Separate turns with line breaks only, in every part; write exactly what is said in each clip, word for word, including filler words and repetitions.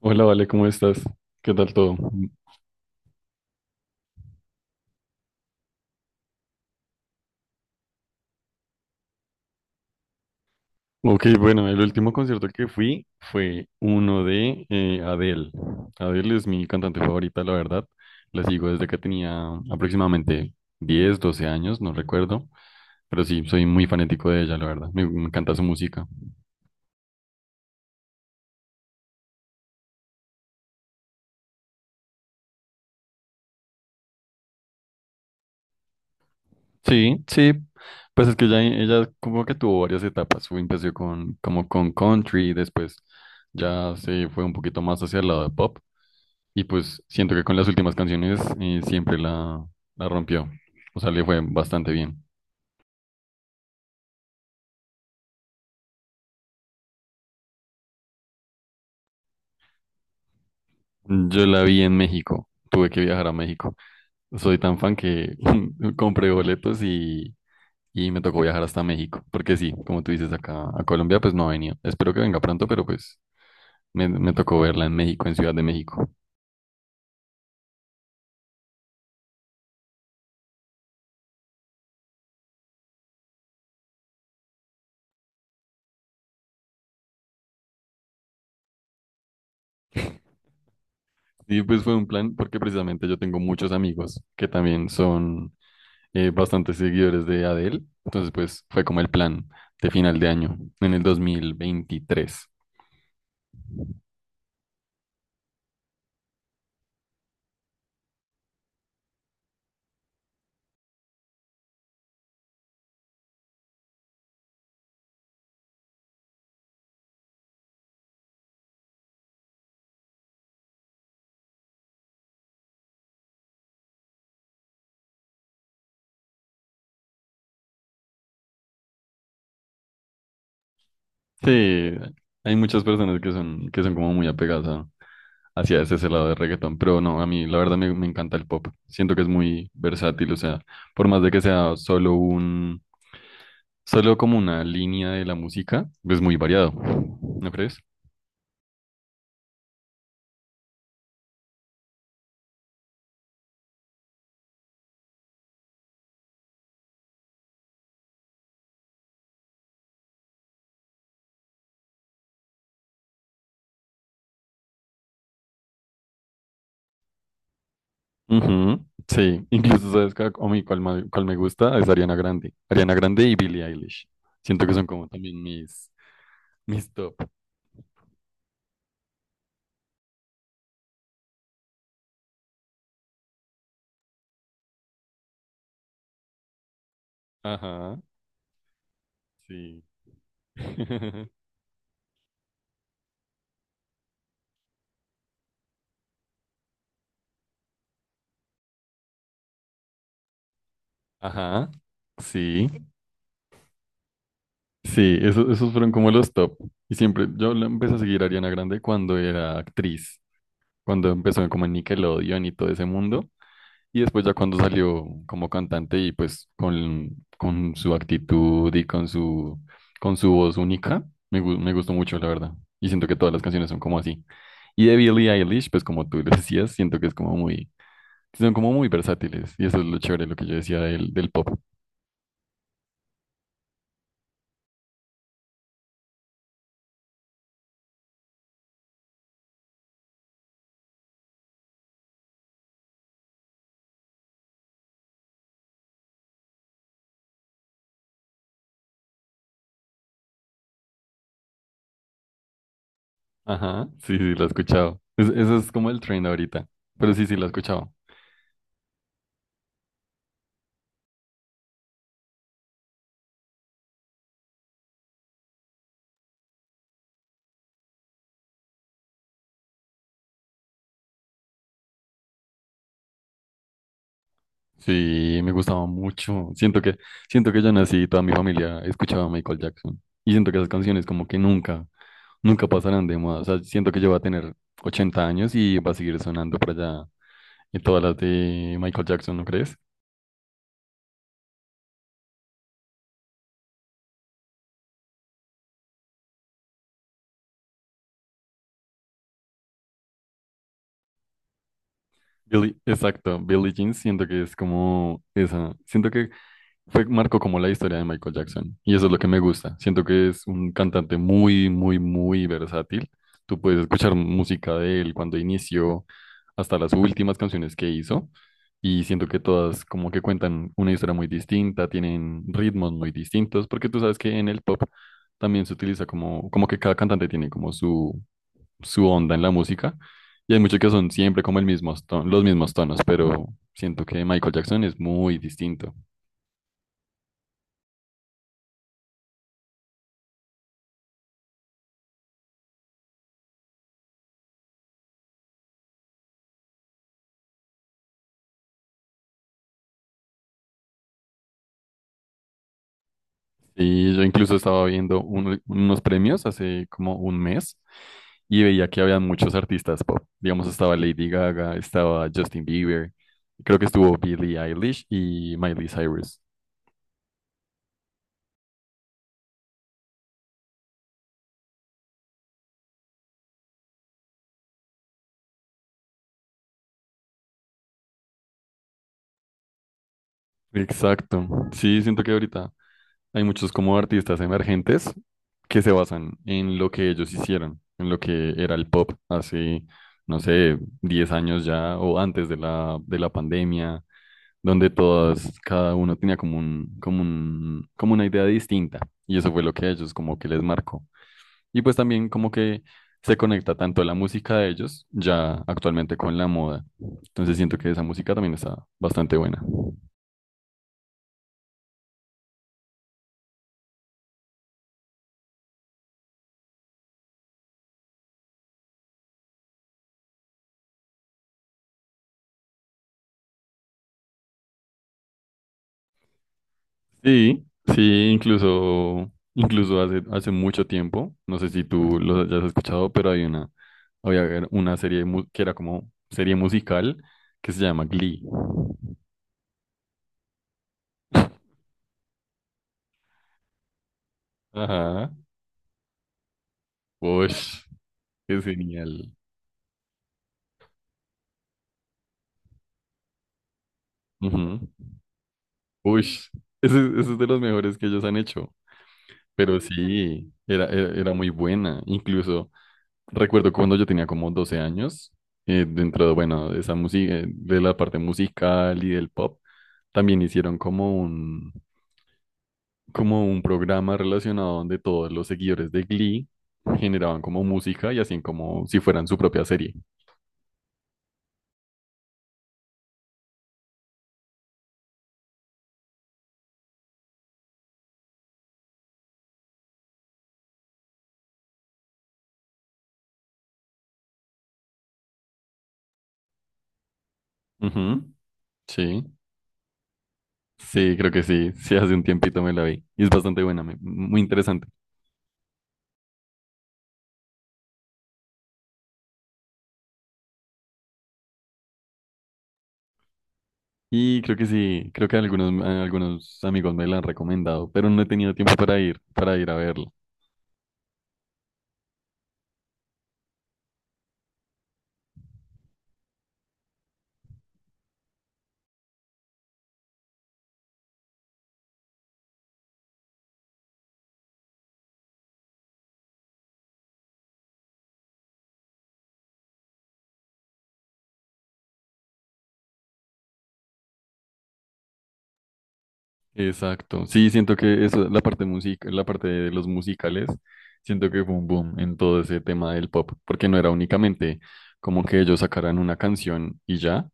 Hola, Vale, ¿cómo estás? ¿Qué tal todo? Ok, bueno, el último concierto que fui fue uno de eh, Adele. Adele es mi cantante favorita, la verdad. La sigo desde que tenía aproximadamente diez, doce años, no recuerdo. Pero sí, soy muy fanático de ella, la verdad. Me, me encanta su música. Sí, sí. Pues es que ella, ella como que tuvo varias etapas. Fue- Empezó con, como con country, después ya se fue un poquito más hacia el lado de pop. Y pues siento que con las últimas canciones eh, siempre la, la rompió. O sea, le fue bastante bien. Yo la vi en México. Tuve que viajar a México. Soy tan fan que compré boletos y, y me tocó viajar hasta México. Porque sí, como tú dices, acá a Colombia pues no ha venido. Espero que venga pronto, pero pues me, me tocó verla en México, en Ciudad de México. Y pues fue un plan porque precisamente yo tengo muchos amigos que también son eh, bastantes seguidores de Adele. Entonces, pues fue como el plan de final de año, en el dos mil veintitrés. Sí, hay muchas personas que son, que son como muy apegadas a- hacia ese ese lado de reggaetón, pero no, a mí la verdad me, me encanta el pop. Siento que es muy versátil, o sea, por más de que sea solo un, solo como una línea de la música, es muy variado, ¿no crees? Ujú, sí, incluso sabes que a a mí cuál, ma- cuál me gusta es Ariana Grande. Ariana Grande y Billie Eilish. Siento que son como también mis, mis top. Ajá, sí. Ajá, sí, sí, eso- esos fueron como los top. Y siempre, yo la empecé a seguir a Ariana Grande cuando era actriz, cuando empezó como en Nickelodeon y todo ese mundo. Y después ya cuando salió como cantante y pues con, con su actitud y con su, con su voz única, me, gu- me gustó mucho, la verdad. Y siento que todas las canciones son como así. Y de Billie Eilish, pues como tú lo decías, siento que es como muy, son como muy versátiles. Y eso es lo chévere, lo que yo decía del, del pop. Ajá, sí, sí, lo he escuchado. Es- eso es como el trend ahorita. Pero sí, sí, lo he escuchado. Sí, me gustaba mucho. Siento que, siento que yo nací y toda mi familia escuchaba a Michael Jackson. Y siento que esas canciones como que nunca nunca pasarán de moda. O sea, siento que yo voy a tener ochenta años y va a seguir sonando por allá en todas las de Michael Jackson, ¿no crees? Billie- exacto, Billie Jean siento que es como esa. Siento que Fue, marcó como la historia de Michael Jackson y eso es lo que me gusta. Siento que es un cantante muy, muy, muy versátil. Tú puedes escuchar música de él cuando inició hasta las últimas canciones que hizo y siento que todas como que cuentan una historia muy distinta, tienen ritmos muy distintos, porque tú sabes que en el pop también se utiliza como, como que cada cantante tiene como su, su onda en la música y hay muchos que son siempre como el mismo, ton- los mismos tonos, pero siento que Michael Jackson es muy distinto. Sí, yo incluso estaba viendo un- unos premios hace como un mes y veía que había muchos artistas pop. Digamos, estaba Lady Gaga, estaba Justin Bieber, creo que estuvo Billie Eilish y Miley Cyrus. Exacto. Sí, siento que ahorita hay muchos como artistas emergentes que se basan en lo que ellos hicieron, en lo que era el pop hace, no sé, diez años ya o antes de la, de la pandemia. Donde todas, cada uno tenía como un, como un, como una idea distinta, y eso fue lo que a ellos como que les marcó. Y pues también como que se conecta tanto la música de ellos, ya actualmente con la moda. Entonces siento que esa música también está bastante buena. Sí, sí, incluso, incluso hace, hace mucho tiempo, no sé si tú lo hayas escuchado, pero hay una, había ver- una serie mu- que era como serie musical que se llama Glee. Ajá. Ush, es genial. Ujú. Ush, ese, ese es de los mejores que ellos han hecho. Pero sí, era, era, era muy buena. Incluso recuerdo cuando yo tenía como doce años, eh, dentro de, bueno, de esa música, de la parte musical y del pop, también hicieron como un, como un programa relacionado donde todos los seguidores de Glee generaban como música y hacían como si fueran su propia serie. Ujú, sí, sí, creo que sí. Sí, hace un tiempito me la vi. Y es bastante buena, me- muy interesante. Y creo que sí, creo que algunos, eh, algunos amigos me la han recomendado, pero no he tenido tiempo para ir, para ir a verla. Exacto. Sí, siento que eso, la parte música, la parte de los musicales, siento que fue un boom en todo ese tema del pop, porque no era únicamente como que ellos sacaran una canción y ya,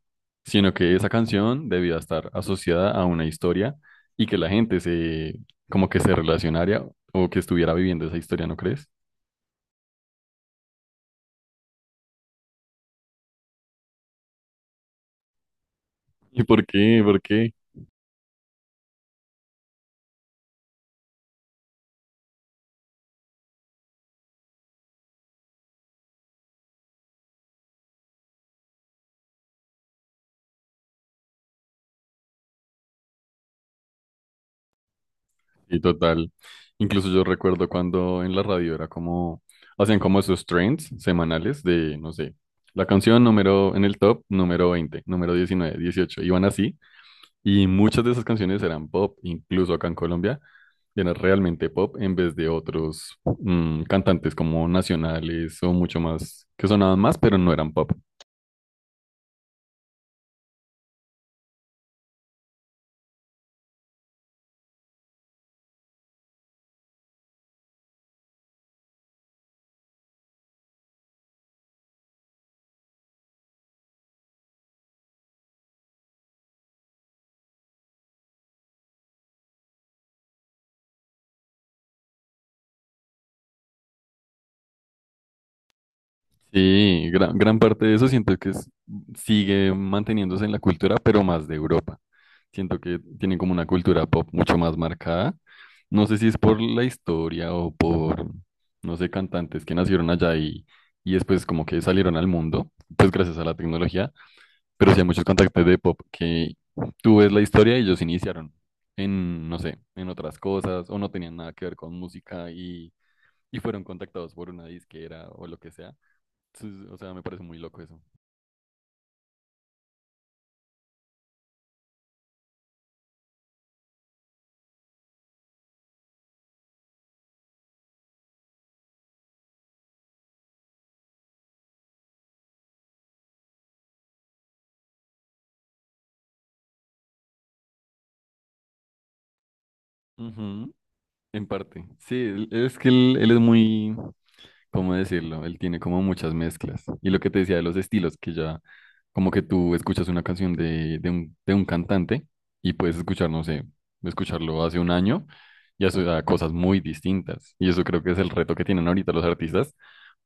sino que esa canción debía estar asociada a una historia y que la gente se, como que se relacionara o que estuviera viviendo esa historia, ¿no crees? ¿Y por qué? ¿Por qué? Y total, incluso yo recuerdo cuando en la radio era como, hacían como esos trends semanales de, no sé, la canción número, en el top, número veinte número diecinueve dieciocho iban así, y muchas de esas canciones eran pop, incluso acá en Colombia, era realmente pop en vez de otros mm, cantantes como nacionales o mucho más, que sonaban más, pero no eran pop. Sí, gran, gran parte de eso siento que es- sigue manteniéndose en la cultura, pero más de Europa. Siento que tienen como una cultura pop mucho más marcada. No sé si es por la historia o por, no sé, cantantes que nacieron allá y, y después como que salieron al mundo, pues gracias a la tecnología, pero sí hay muchos cantantes de pop que tú ves la historia y ellos iniciaron en, no sé, en otras cosas o no tenían nada que ver con música y, y fueron contactados por una disquera o lo que sea. Sí, o sea, me parece muy loco eso. Ujú, en parte. Sí, él- es que él, él es muy, ¿cómo decirlo? Él tiene como muchas mezclas. Y lo que te decía de los estilos, que ya como que tú escuchas una canción de, de un, de un cantante y puedes escuchar, no sé, escucharlo hace un año y hace a cosas muy distintas. Y eso creo que es el reto que tienen ahorita los artistas,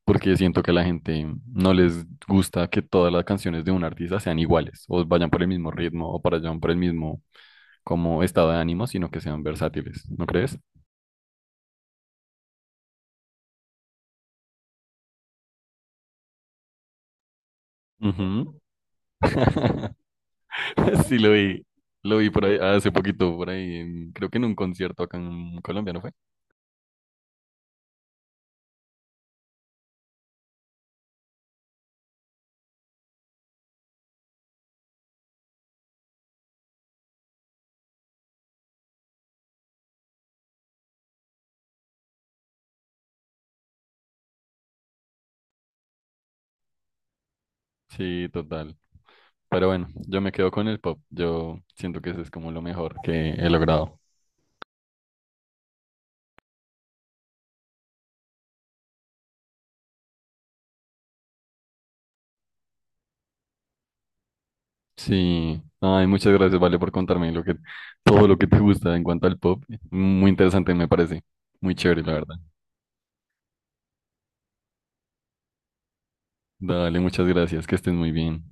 porque siento que a la gente no les gusta que todas las canciones de un artista sean iguales, o vayan por el mismo ritmo, o vayan por el mismo como estado de ánimo, sino que sean versátiles, ¿no crees? Ujú. Sí, lo vi. Lo vi por ahí hace poquito, por ahí, en- creo que en un concierto acá en Colombia, ¿no fue? Sí, total. Pero bueno, yo me quedo con el pop. Yo siento que eso es como lo mejor que he logrado. Sí. Ay, muchas gracias, Vale, por contarme lo que, todo lo que te gusta en cuanto al pop. Muy interesante, me parece. Muy chévere, la verdad. Dale, muchas gracias. Que estés muy bien.